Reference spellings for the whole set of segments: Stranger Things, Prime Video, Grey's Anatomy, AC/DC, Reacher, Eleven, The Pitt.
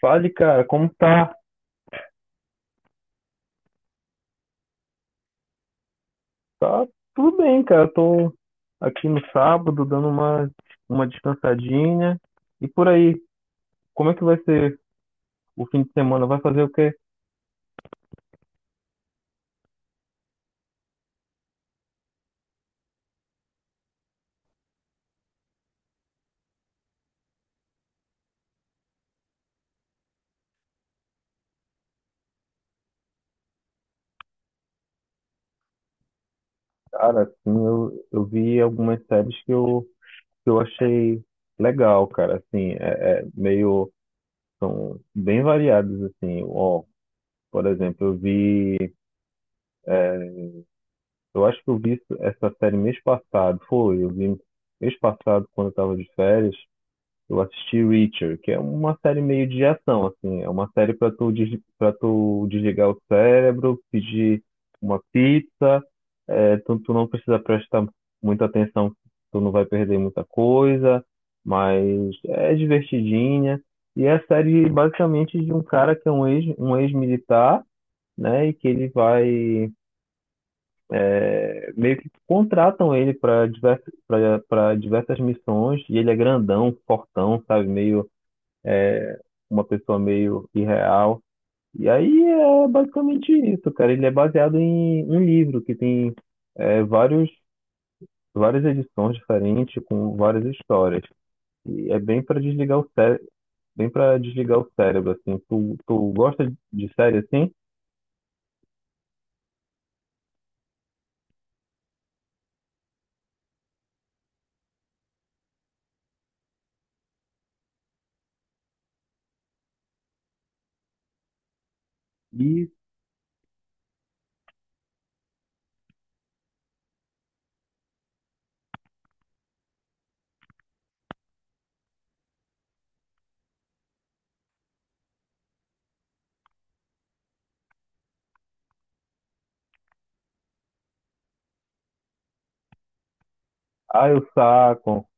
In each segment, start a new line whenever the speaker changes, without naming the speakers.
Fale, cara, como tá? Tá tudo bem, cara. Tô aqui no sábado dando uma descansadinha. E por aí, como é que vai ser o fim de semana? Vai fazer o quê? Cara, assim, eu vi algumas séries que eu achei legal, cara. Assim, é, é meio. São bem variadas, assim. Ó, por exemplo, eu vi. Eu acho que eu vi essa série mês passado. Eu vi mês passado quando eu tava de férias. Eu assisti Reacher, que é uma série meio de ação, assim. É uma série pra tu desligar o cérebro, pedir uma pizza. Tu não precisa prestar muita atenção, tu não vai perder muita coisa, mas é divertidinha. E é a série basicamente de um cara que é um ex-militar, né? E que meio que contratam ele para diversas missões, e ele é grandão, fortão, sabe? Meio uma pessoa meio irreal. E aí é basicamente isso, cara. Ele é baseado em um livro que tem é, vários, várias edições diferentes com várias histórias. E é bem para desligar o cérebro, bem para desligar o cérebro, assim. Tu gosta de série assim? E ah, eu saco.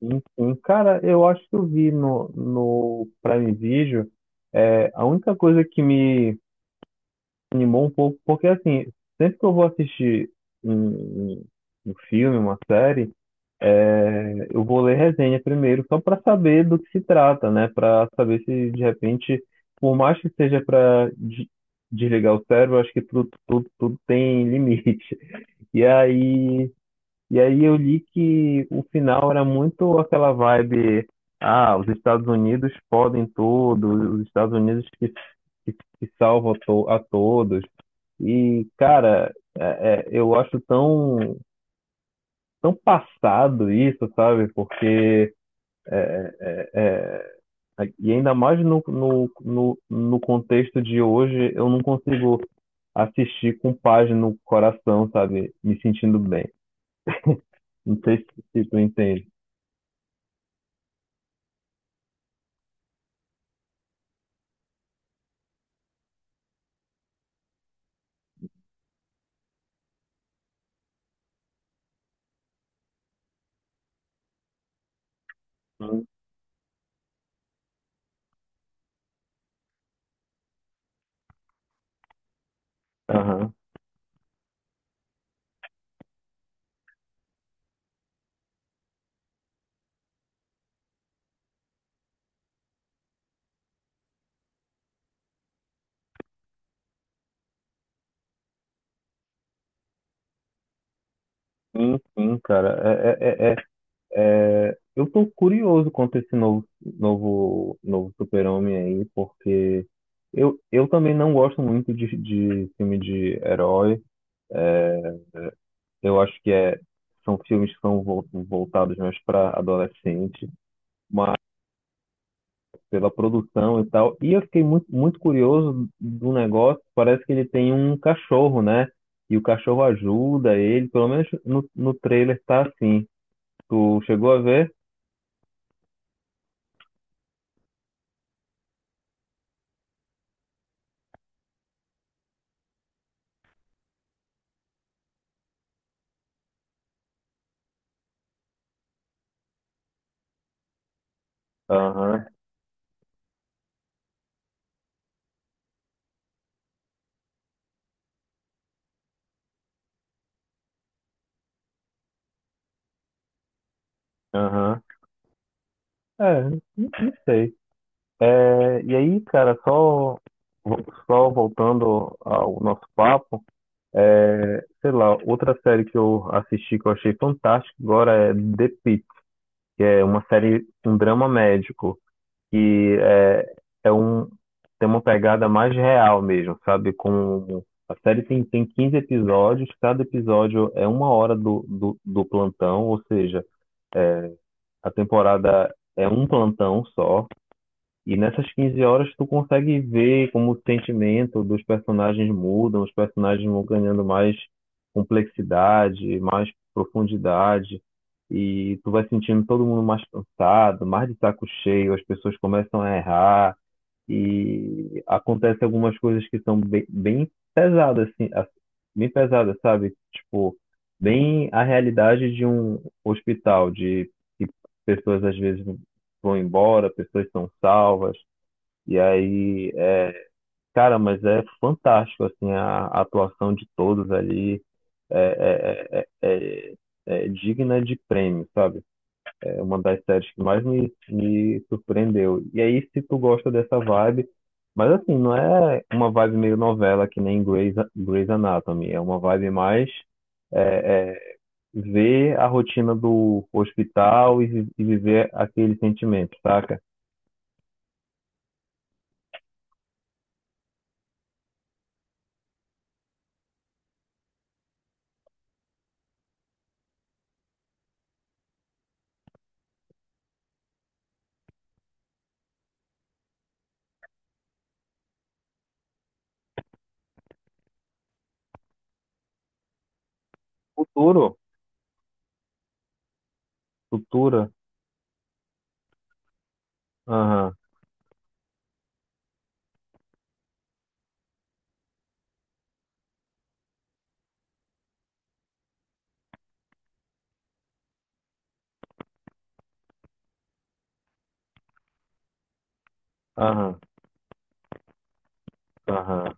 Enfim, cara, eu acho que eu vi no Prime Video. É, a única coisa que me animou um pouco, porque assim, sempre que eu vou assistir um, um- um filme, uma série, eu vou ler resenha primeiro, só para saber do que se trata, né? Para saber se de repente, por mais que seja para desligar o cérebro, eu acho que tudo tem limite. E aí, e aí eu li que o final era muito aquela vibe. Ah, os Estados Unidos podem tudo, os Estados Unidos que salvam a todos. E, cara, eu acho tão passado isso, sabe? É, e ainda mais no contexto de hoje, eu não consigo assistir com paz no coração, sabe? Me sentindo bem. Não sei se, se tu entende. Sim. Aham. Sim, sim, cara. Eu tô curioso quanto a esse novo super-homem aí, porque eu também não gosto muito de filme de herói. Eu acho que é, são filmes que são voltados mais para adolescente, pela produção e tal. E eu fiquei muito curioso do negócio. Parece que ele tem um cachorro, né? E o cachorro ajuda ele, pelo menos no trailer tá assim. Tu chegou a ver? Aham, aham. É, não sei. É, e aí, cara, só voltando ao nosso papo, é, sei lá, outra série que eu assisti que eu achei fantástica agora é The Pitt, que é uma série, um drama médico, que é, é um, tem uma pegada mais real mesmo, sabe? Com, a série tem 15 episódios, cada episódio é uma hora do plantão, ou seja, a temporada é um plantão só, e nessas 15 horas tu consegue ver como o sentimento dos personagens mudam, os personagens vão ganhando mais complexidade, mais profundidade, e tu vai sentindo todo mundo mais cansado, mais de saco cheio, as pessoas começam a errar, e acontece algumas coisas que são bem pesadas, sabe? Tipo, bem a realidade de um hospital, de que pessoas às vezes vão embora, pessoas são salvas, e aí, é, cara, mas é fantástico, assim, a atuação de todos ali é, é, é, é, é é digna de prêmio, sabe? É uma das séries que mais me surpreendeu. E aí, se tu gosta dessa vibe, mas assim, não é uma vibe meio novela que nem Grey's Anatomy, é uma vibe mais é, é, ver a rotina do hospital e viver aquele sentimento, saca? Futuro, futura, aham, aham. Aham,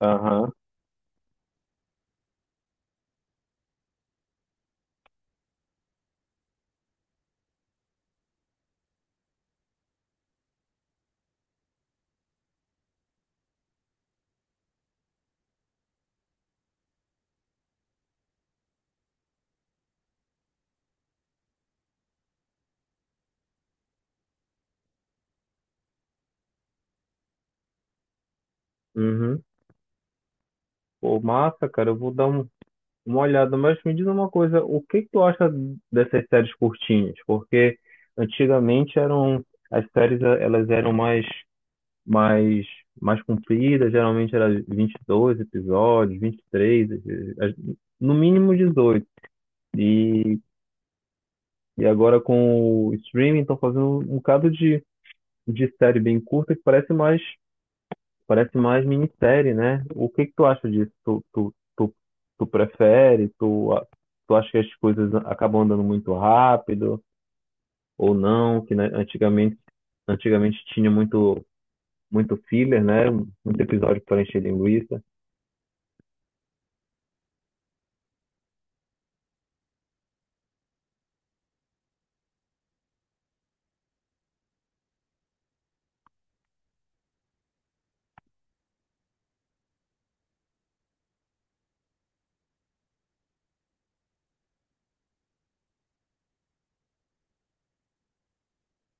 aham, uhum. Pô, massa, cara, eu vou dar uma olhada, mas me diz uma coisa, o que que tu acha dessas séries curtinhas? Porque antigamente eram, as séries, elas eram mais, mais compridas, geralmente era 22 episódios, 23, as- no mínimo 18 e, e agora com o streaming estão fazendo um bocado de série bem curta que parece mais parece mais minissérie, né? O que que tu acha disso? Tu prefere? Tu acha que as coisas acabam andando muito rápido ou não? Que né, antigamente, antigamente tinha muito, muito filler, né? Muito episódio para encher linguiça.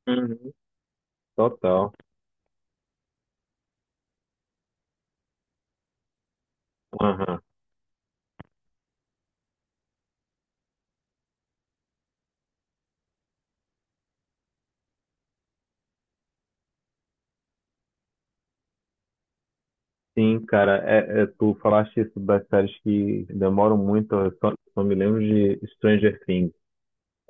Uhum. Total. Aham. Sim, cara, é, é, tu falaste isso das séries que demoram muito, eu só me lembro de Stranger Things.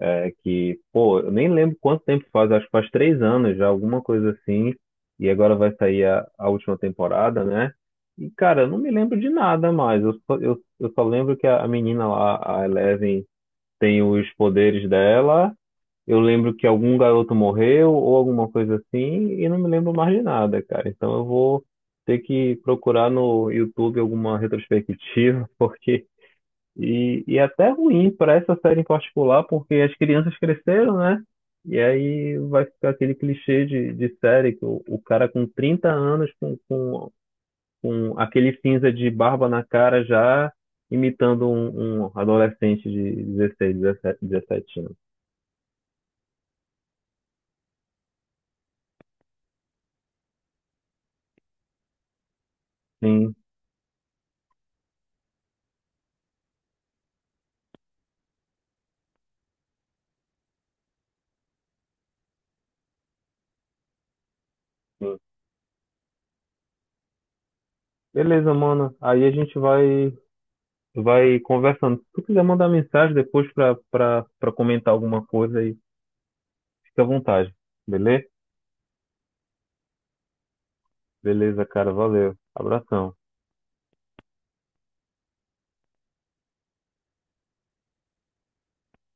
É que, pô, eu nem lembro quanto tempo faz, acho que faz três anos já, alguma coisa assim. E agora vai sair a última temporada, né? E, cara, eu não me lembro de nada mais. Eu só lembro que a menina lá, a Eleven, tem os poderes dela. Eu lembro que algum garoto morreu ou alguma coisa assim. E não me lembro mais de nada, cara. Então eu vou ter que procurar no YouTube alguma retrospectiva, porque é até ruim para essa série em particular, porque as crianças cresceram, né? E aí vai ficar aquele clichê de série que o cara com 30 anos, com aquele cinza de barba na cara já, imitando um adolescente de 16, 17 17 anos. Sim, sim. Beleza, mano. Aí a gente vai, vai conversando. Se tu quiser mandar mensagem depois pra comentar alguma coisa aí, fica à vontade. Beleza? Beleza, cara. Valeu. Abração.